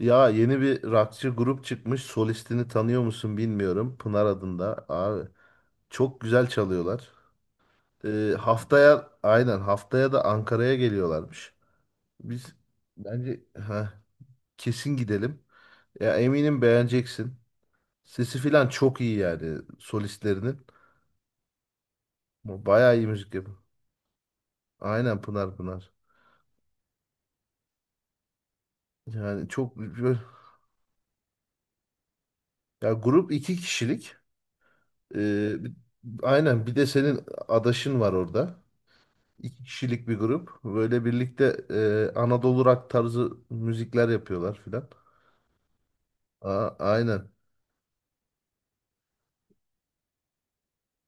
Ya yeni bir rockçı grup çıkmış. Solistini tanıyor musun bilmiyorum. Pınar adında abi. Çok güzel çalıyorlar. Haftaya aynen, haftaya da Ankara'ya geliyorlarmış. Biz bence kesin gidelim. Ya eminim beğeneceksin. Sesi filan çok iyi yani solistlerinin. Bayağı iyi müzik yapıyor. Aynen, Pınar Pınar. Yani ya grup iki kişilik. Ee, bir- aynen, bir de senin adaşın var orada. İki kişilik bir grup. Böyle birlikte Anadolu rock tarzı müzikler yapıyorlar filan. Aynen.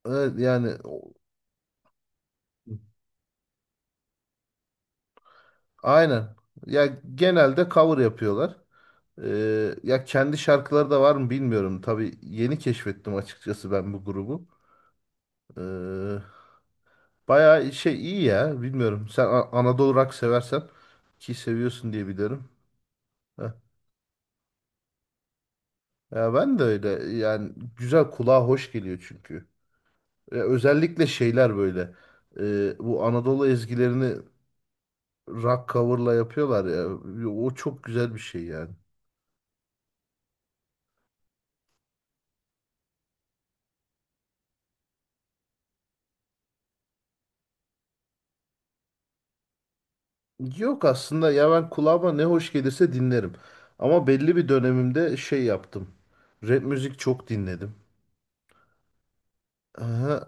Evet, yani aynen. Ya genelde cover yapıyorlar. Ya kendi şarkıları da var mı bilmiyorum. Tabii yeni keşfettim açıkçası ben bu grubu. Ee, Bayağı şey iyi ya. Bilmiyorum. Sen Anadolu rock seversen ki seviyorsun diye biliyorum. Heh. Ya ben de öyle. Yani güzel, kulağa hoş geliyor çünkü. Özellikle şeyler böyle, bu Anadolu ezgilerini rock cover'la yapıyorlar ya. O çok güzel bir şey yani. Yok aslında, ya ben kulağıma ne hoş gelirse dinlerim. Ama belli bir dönemimde şey yaptım. Rap müzik çok dinledim. Aha,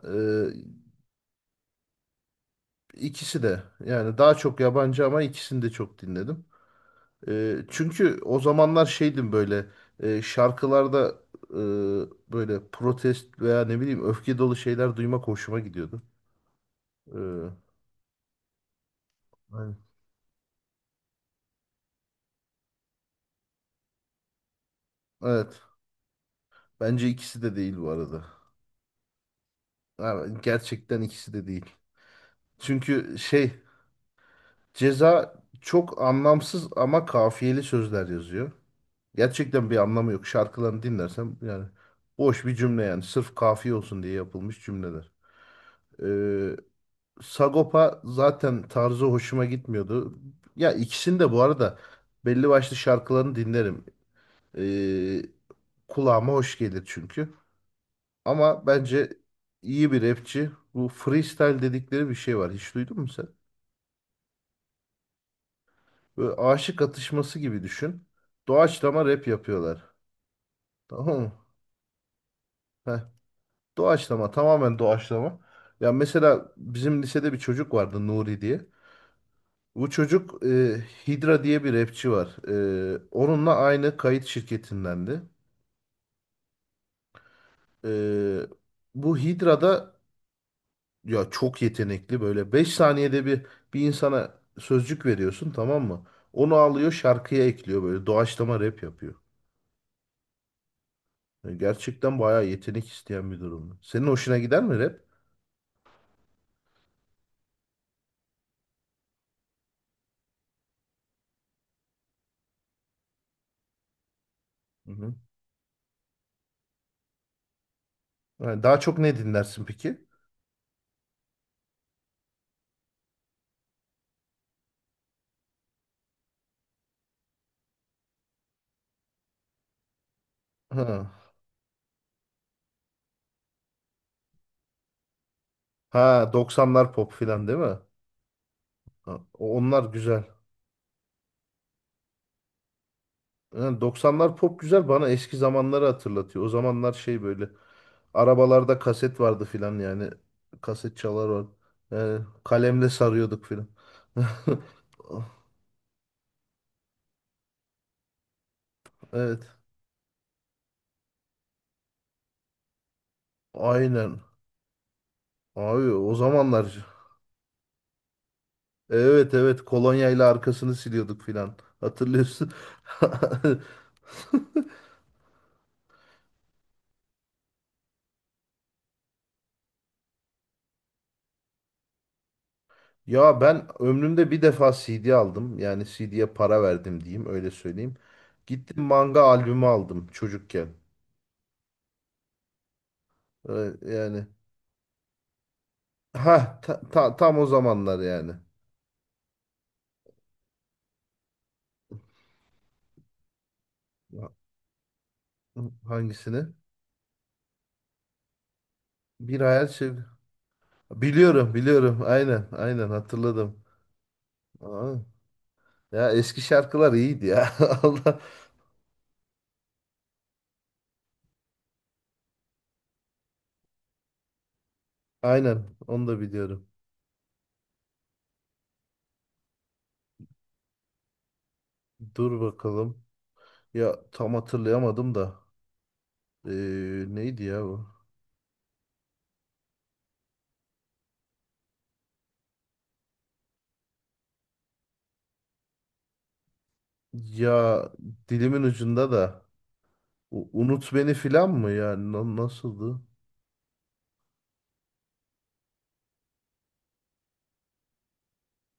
ikisi de yani, daha çok yabancı ama ikisini de çok dinledim. Çünkü o zamanlar şeydim böyle, şarkılarda e, böyle protest veya ne bileyim öfke dolu şeyler duymak hoşuma gidiyordu. Ee, aynen. Evet. Bence ikisi de değil bu arada. Yani gerçekten ikisi de değil. Çünkü şey, Ceza çok anlamsız ama kafiyeli sözler yazıyor. Gerçekten bir anlamı yok. Şarkılarını dinlersem yani, boş bir cümle yani. Sırf kafiye olsun diye yapılmış cümleler. Ee, Sagopa zaten tarzı hoşuma gitmiyordu. Ya ikisini de bu arada belli başlı şarkılarını dinlerim. Ee, Kulağıma hoş gelir çünkü. Ama bence iyi bir rapçi. Bu freestyle dedikleri bir şey var. Hiç duydun mu sen? Böyle aşık atışması gibi düşün. Doğaçlama rap yapıyorlar. Tamam mı? Heh. Doğaçlama, tamamen doğaçlama. Ya mesela bizim lisede bir çocuk vardı, Nuri diye. Bu çocuk Hydra diye bir rapçi var, onunla aynı kayıt şirketindendi. E, Bu Hydra'da, ya çok yetenekli, böyle 5 saniyede bir insana sözcük veriyorsun, tamam mı? Onu alıyor, şarkıya ekliyor, böyle doğaçlama rap yapıyor. Yani gerçekten bayağı yetenek isteyen bir durum. Senin hoşuna gider mi rap? Hı hı. Yani daha çok ne dinlersin peki? Ha, ha, 90'lar pop filan değil mi? Ha, onlar güzel. Ha, 90'lar pop güzel, bana eski zamanları hatırlatıyor. O zamanlar şey böyle, arabalarda kaset vardı filan yani. Kaset çalar var. Yani kalemle sarıyorduk filan. Evet. Aynen. Abi, o zamanlar, evet, evet, kolonyayla arkasını siliyorduk filan. Hatırlıyorsun. Ya ben ömrümde bir defa CD aldım. Yani CD'ye para verdim diyeyim, öyle söyleyeyim. Gittim, manga albümü aldım çocukken. Yani ha tam o zamanlar yani. Ha- Hangisini? Bir hayal şey. Biliyorum, biliyorum. Aynen, aynen hatırladım. Aa, ya eski şarkılar iyiydi ya. Allah. Aynen, onu da biliyorum. Dur bakalım. Ya tam hatırlayamadım da. Neydi ya bu? Ya dilimin ucunda da. Unut beni filan mı ya? Nasıldı?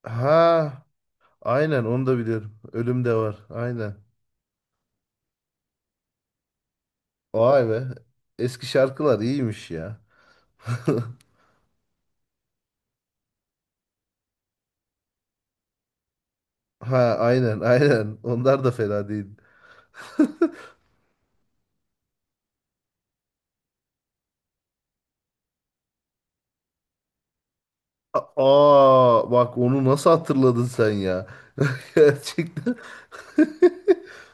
Ha, aynen, onu da biliyorum. Ölüm de var. Aynen. Vay be. Eski şarkılar iyiymiş ya. Ha, aynen, aynen. Onlar da fena değil. Aa, bak, onu nasıl hatırladın sen ya? Gerçekten.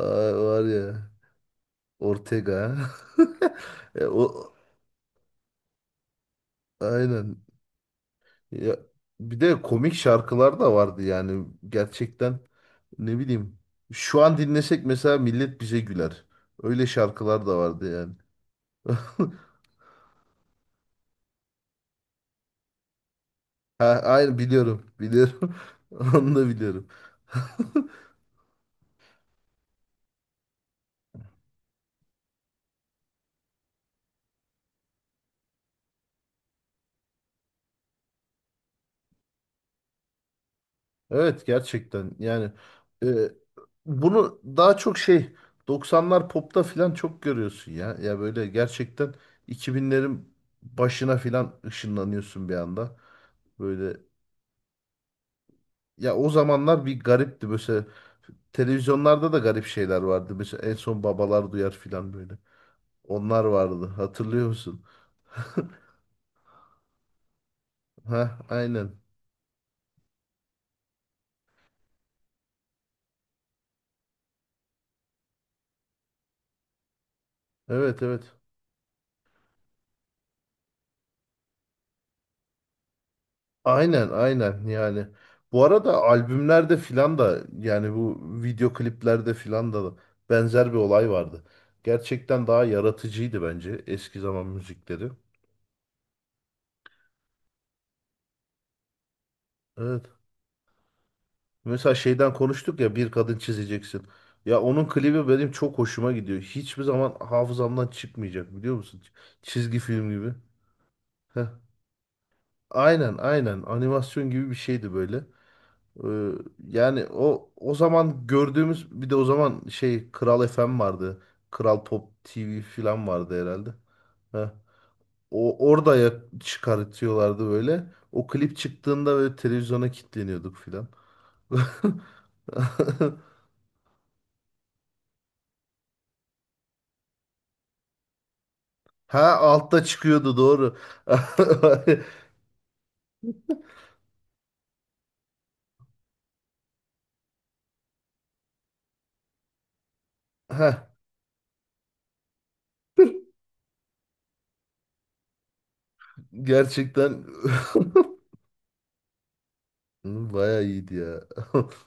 Ay var ya, Ortega. E, o Aynen. Ya, bir de komik şarkılar da vardı yani, gerçekten, ne bileyim. Şu an dinlesek mesela, millet bize güler. Öyle şarkılar da vardı yani. Ha, aynen, biliyorum, biliyorum. Onu da biliyorum. Evet, gerçekten yani, e, bunu daha çok şey, doksanlar popta filan çok görüyorsun ya. Ya böyle gerçekten, 2000'lerin başına filan ışınlanıyorsun bir anda. Böyle, ya o zamanlar bir garipti mesela, televizyonlarda da garip şeyler vardı. Mesela en son Babalar Duyar filan böyle. Onlar vardı, hatırlıyor musun? Ha, aynen. Evet, evet. Aynen, aynen yani. Bu arada albümlerde filan da yani, bu video kliplerde filan da benzer bir olay vardı. Gerçekten daha yaratıcıydı bence eski zaman müzikleri. Evet. Mesela şeyden konuştuk ya, bir kadın çizeceksin. Ya onun klibi benim çok hoşuma gidiyor. Hiçbir zaman hafızamdan çıkmayacak, biliyor musun? Çizgi film gibi. Heh. Aynen, aynen animasyon gibi bir şeydi böyle. Ee, Yani o zaman gördüğümüz, bir de o zaman şey, Kral FM vardı. Kral Pop TV falan vardı herhalde. Heh. O orada ya çıkartıyorlardı böyle. O klip çıktığında böyle televizyona kilitleniyorduk filan. Ha, altta çıkıyordu, doğru. Ha, gerçekten baya iyiydi ya.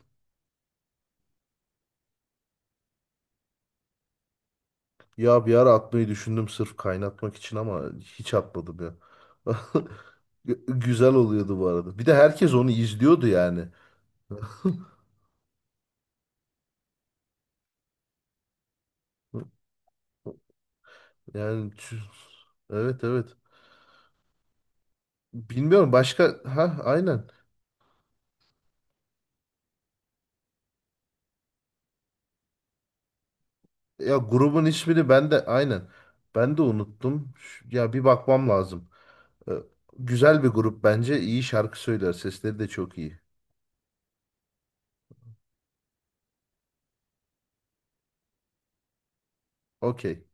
Ya, bir ara atmayı düşündüm sırf kaynatmak için ama hiç atmadım ya. Güzel oluyordu bu arada. Bir de herkes onu izliyordu yani. Yani evet, evet. Bilmiyorum başka, aynen. Ya grubun ismini ben de aynen. Ben de unuttum. Ya bir bakmam lazım. Ee, Güzel bir grup bence. İyi şarkı söyler. Sesleri de çok iyi. Okey.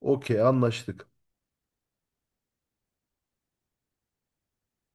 Okey, anlaştık.